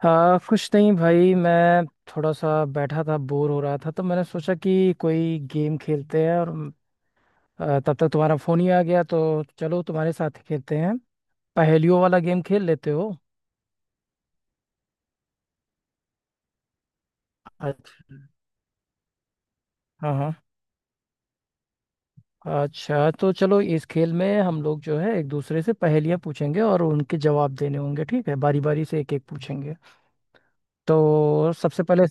हाँ कुछ नहीं भाई, मैं थोड़ा सा बैठा था, बोर हो रहा था तो मैंने सोचा कि कोई गेम खेलते हैं। और तब तक तुम्हारा फोन ही आ गया तो चलो तुम्हारे साथ ही खेलते हैं। पहेलियों वाला गेम खेल लेते हो? अच्छा। हाँ हाँ। अच्छा तो चलो, इस खेल में हम लोग जो है एक दूसरे से पहेलियां पूछेंगे और उनके जवाब देने होंगे, ठीक है? बारी बारी से एक एक पूछेंगे। तो सबसे पहले,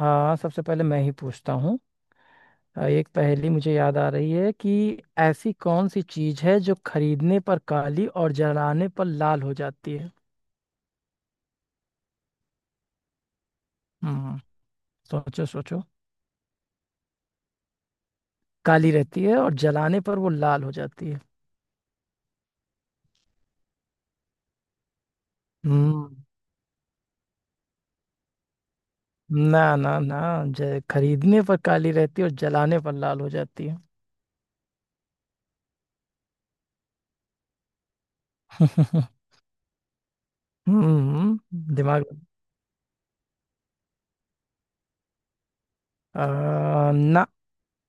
हाँ सबसे पहले मैं ही पूछता हूँ। एक पहेली मुझे याद आ रही है कि ऐसी कौन सी चीज है जो खरीदने पर काली और जलाने पर लाल हो जाती है। हम्म। सोचो सोचो। काली रहती है और जलाने पर वो लाल हो जाती है। हम्म। ना ना ना, खरीदने पर काली रहती है और जलाने पर लाल हो जाती है। हम्म। दिमाग। ना,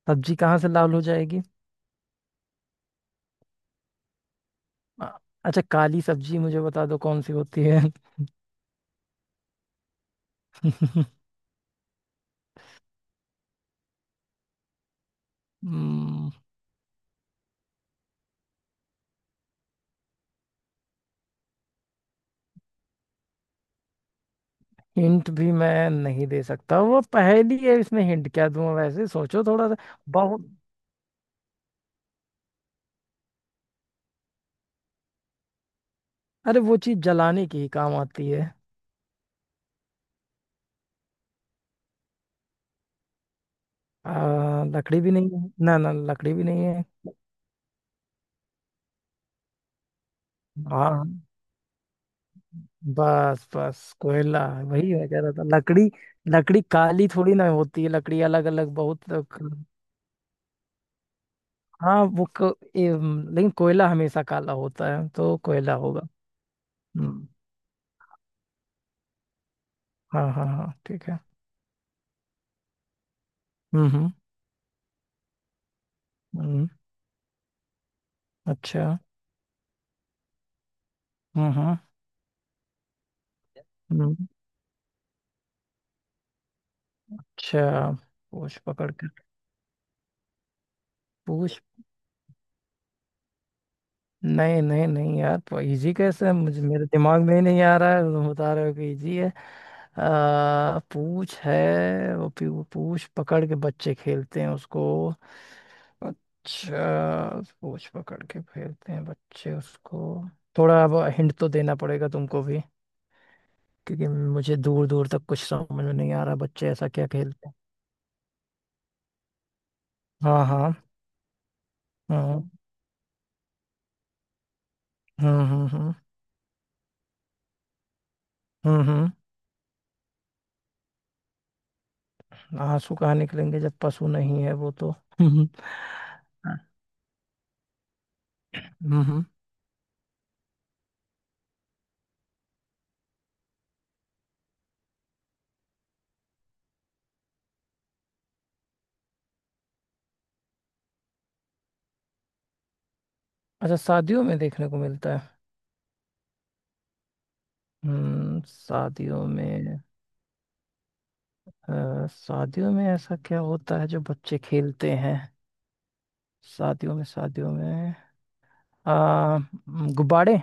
सब्जी कहाँ से लाल हो जाएगी। अ, अच्छा, काली सब्जी मुझे बता दो कौन सी होती है। हम्म। हिंट भी मैं नहीं दे सकता, वो पहेली है, इसमें हिंट क्या दूं? वैसे सोचो थोड़ा सा बहुत। अरे वो चीज जलाने की ही काम आती है। लकड़ी भी नहीं है, ना ना, लकड़ी भी नहीं है। हाँ बस बस, कोयला, वही मैं कह रहा था। लकड़ी, लकड़ी काली थोड़ी ना होती है, लकड़ी अलग अलग बहुत। हाँ वो लेकिन कोयला हमेशा काला होता है तो कोयला होगा। हम्म। हाँ हाँ हाँ ठीक है। हम्म हम्म हम्म, अच्छा। हम्म हम्म हम्म। अच्छा, पूछ पकड़ कर, पूछ, नहीं नहीं नहीं यार, तो इजी कैसे है? मुझे मेरे दिमाग में ही नहीं आ रहा है, तुम बता रहे हो कि इजी है। पूछ है वो वो पूछ पकड़ के बच्चे खेलते हैं उसको। अच्छा, पूछ पकड़ के खेलते हैं बच्चे उसको। थोड़ा अब हिंट तो देना पड़ेगा तुमको भी, क्योंकि मुझे दूर दूर तक कुछ समझ में नहीं आ रहा बच्चे ऐसा क्या खेलते हैं। हाँ हाँ हाँ। हम्म हम्म हम्म हम्म। आंसू कहाँ निकलेंगे जब पशु नहीं है वो तो। हम्म। हाँ, हम्म हम्म। अच्छा, शादियों में देखने को मिलता है। हम्म, शादियों में। शादियों में ऐसा क्या होता है जो बच्चे खेलते हैं? शादियों में, शादियों में, आ, गुब्बारे?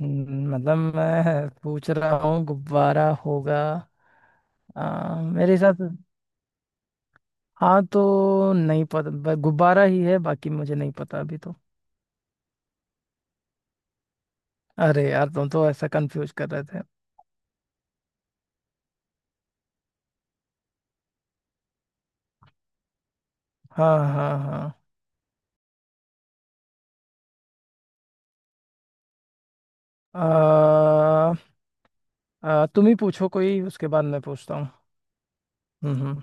मतलब मैं पूछ रहा हूँ गुब्बारा होगा, मेरे हिसाब से। हाँ तो नहीं पता, गुब्बारा ही है, बाकी मुझे नहीं पता अभी तो। अरे यार, तुम तो ऐसा कंफ्यूज कर रहे थे। हाँ हाँ हाँ। आ, आ, तुम ही पूछो कोई, उसके बाद मैं पूछता हूँ। हम्म हम्म,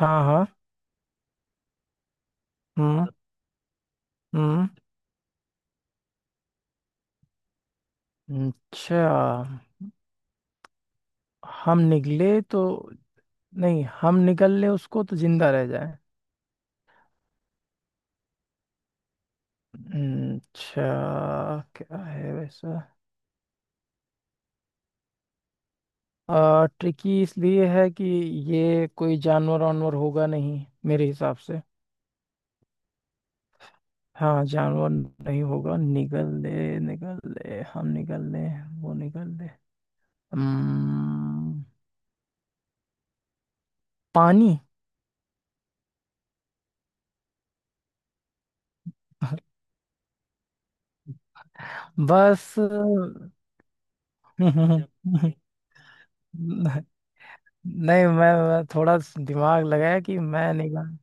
हाँ हाँ। हम्म हम्म। अच्छा, हम निकले तो, नहीं, हम निकल ले उसको तो जिंदा रह जाए। अच्छा, क्या है वैसा? ट्रिकी इसलिए है कि ये कोई जानवर वानवर होगा नहीं, मेरे हिसाब से। हाँ जानवर नहीं होगा, निकल ले निकल ले, हम निकल ले, वो निकल ले। हम्म, पानी। बस। नहीं, मैं थोड़ा दिमाग लगाया कि मैं नहीं बना।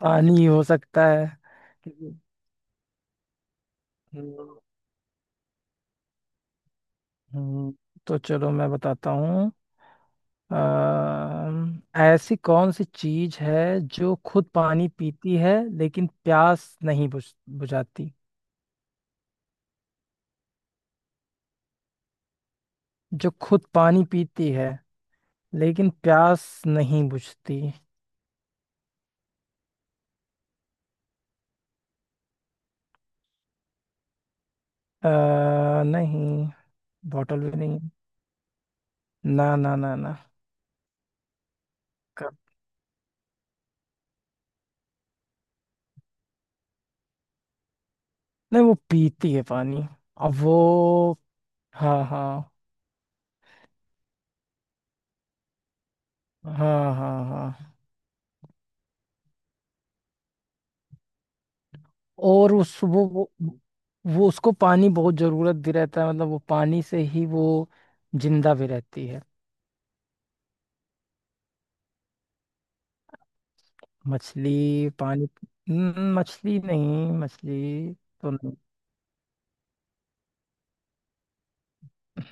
पानी हो सकता है। हम्म, हम्म, तो चलो मैं बताता हूँ। ऐसी कौन सी चीज है जो खुद पानी पीती है लेकिन प्यास नहीं बुझाती, जो खुद पानी पीती है लेकिन प्यास नहीं बुझती। आ, नहीं, बॉटल भी नहीं। ना ना ना ना, नहीं वो पीती है पानी। अब वो, हाँ हाँ हाँ हाँ हाँ। और उस वो उसको पानी बहुत जरूरत भी रहता है, मतलब वो पानी से ही वो जिंदा भी रहती है। मछली पानी। मछली नहीं, मछली तो नहीं।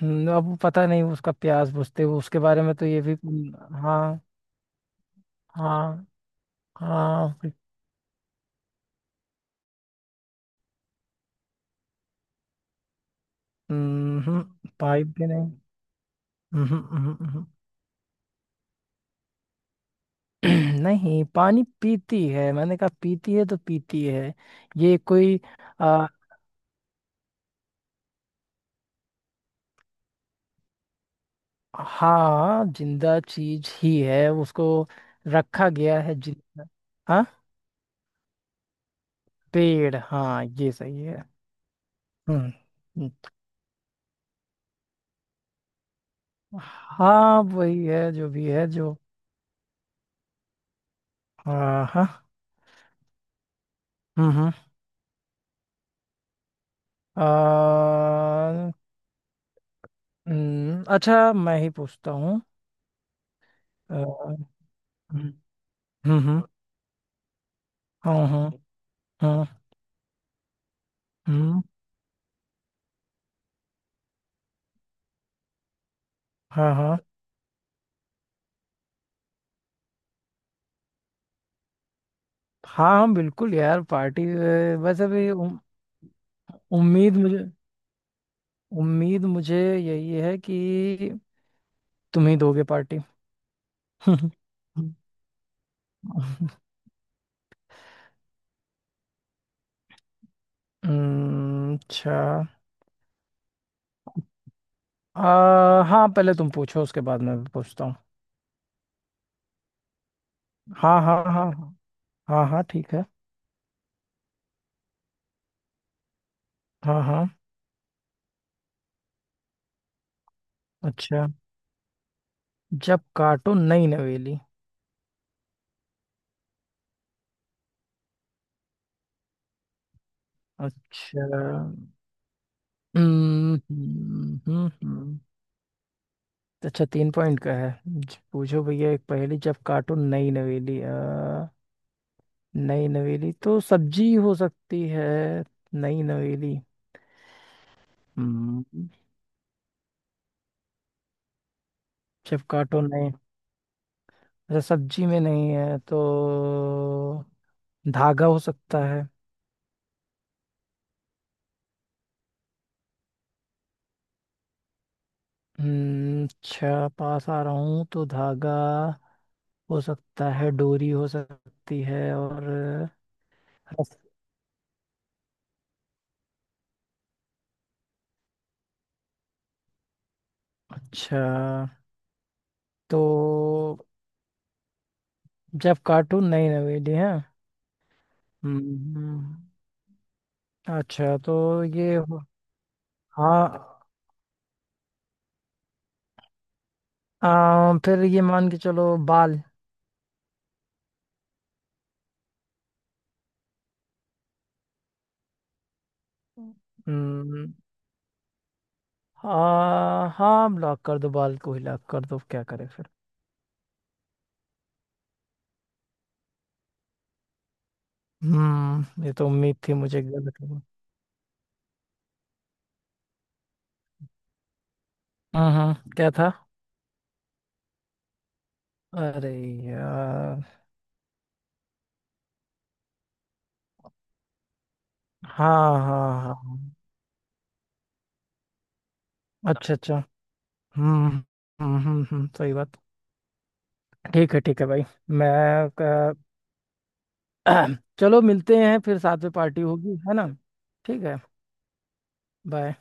अब पता नहीं, उसका प्यास बुझते हुए उसके बारे में तो ये भी। हाँ हाँ हाँ। हम्म। पाइप भी नहीं। हम्म हम्म हम्म हम्म। नहीं पानी पीती है, मैंने कहा पीती है तो पीती है। ये कोई, आ, हाँ जिंदा चीज ही है, उसको रखा गया है जिंदा। हाँ, पेड़, हाँ ये सही है। हम्म। हम्म, हाँ वही है, जो भी है जो। हाँ। हम्म। आ, अच्छा, मैं ही पूछता हूँ। आ, हम्म हम्म हम्म हम्म हम्म हम्म, हाँ हाँ हाँ, हम बिल्कुल यार, पार्टी बस अभी उम्मीद मुझे, उम्मीद मुझे यही है कि तुम ही दोगे पार्टी। अच्छा। हाँ पहले तुम पूछो, उसके बाद मैं पूछता हूँ। हाँ हाँ हाँ हाँ। हाँ हाँ ठीक है। हाँ हाँ। अच्छा, जब काटो नई नवेली। अच्छा। हम्म हम्म। अच्छा, 3 पॉइंट का है, पूछो भैया एक पहेली, जब काटो नई नवेली। नई नवेली तो सब्जी हो सकती है। नई नवेली। हम्म। जब काटो नए, अच्छा सब्जी में नहीं है तो धागा हो सकता है। हम्म, अच्छा पास आ रहा हूँ तो धागा हो सकता है, डोरी हो सकती है और रस- अच्छा, तो जब काटो नई नवेली है। हम्म, अच्छा तो ये हाँ। फिर ये मान के चलो, बाल। हम्म, हाँ हाँ, लॉक कर दो, बाल को ही लॉक कर दो, क्या करे फिर। हम्म, ये तो उम्मीद थी मुझे गलत होगा। हम्म, क्या था? अरे यार। हाँ हाँ हाँ। अच्छा अच्छा। हम्म सही बात। ठीक है, ठीक है भाई। मैं चलो मिलते हैं फिर, साथ में पार्टी होगी है ना। ठीक है। बाय।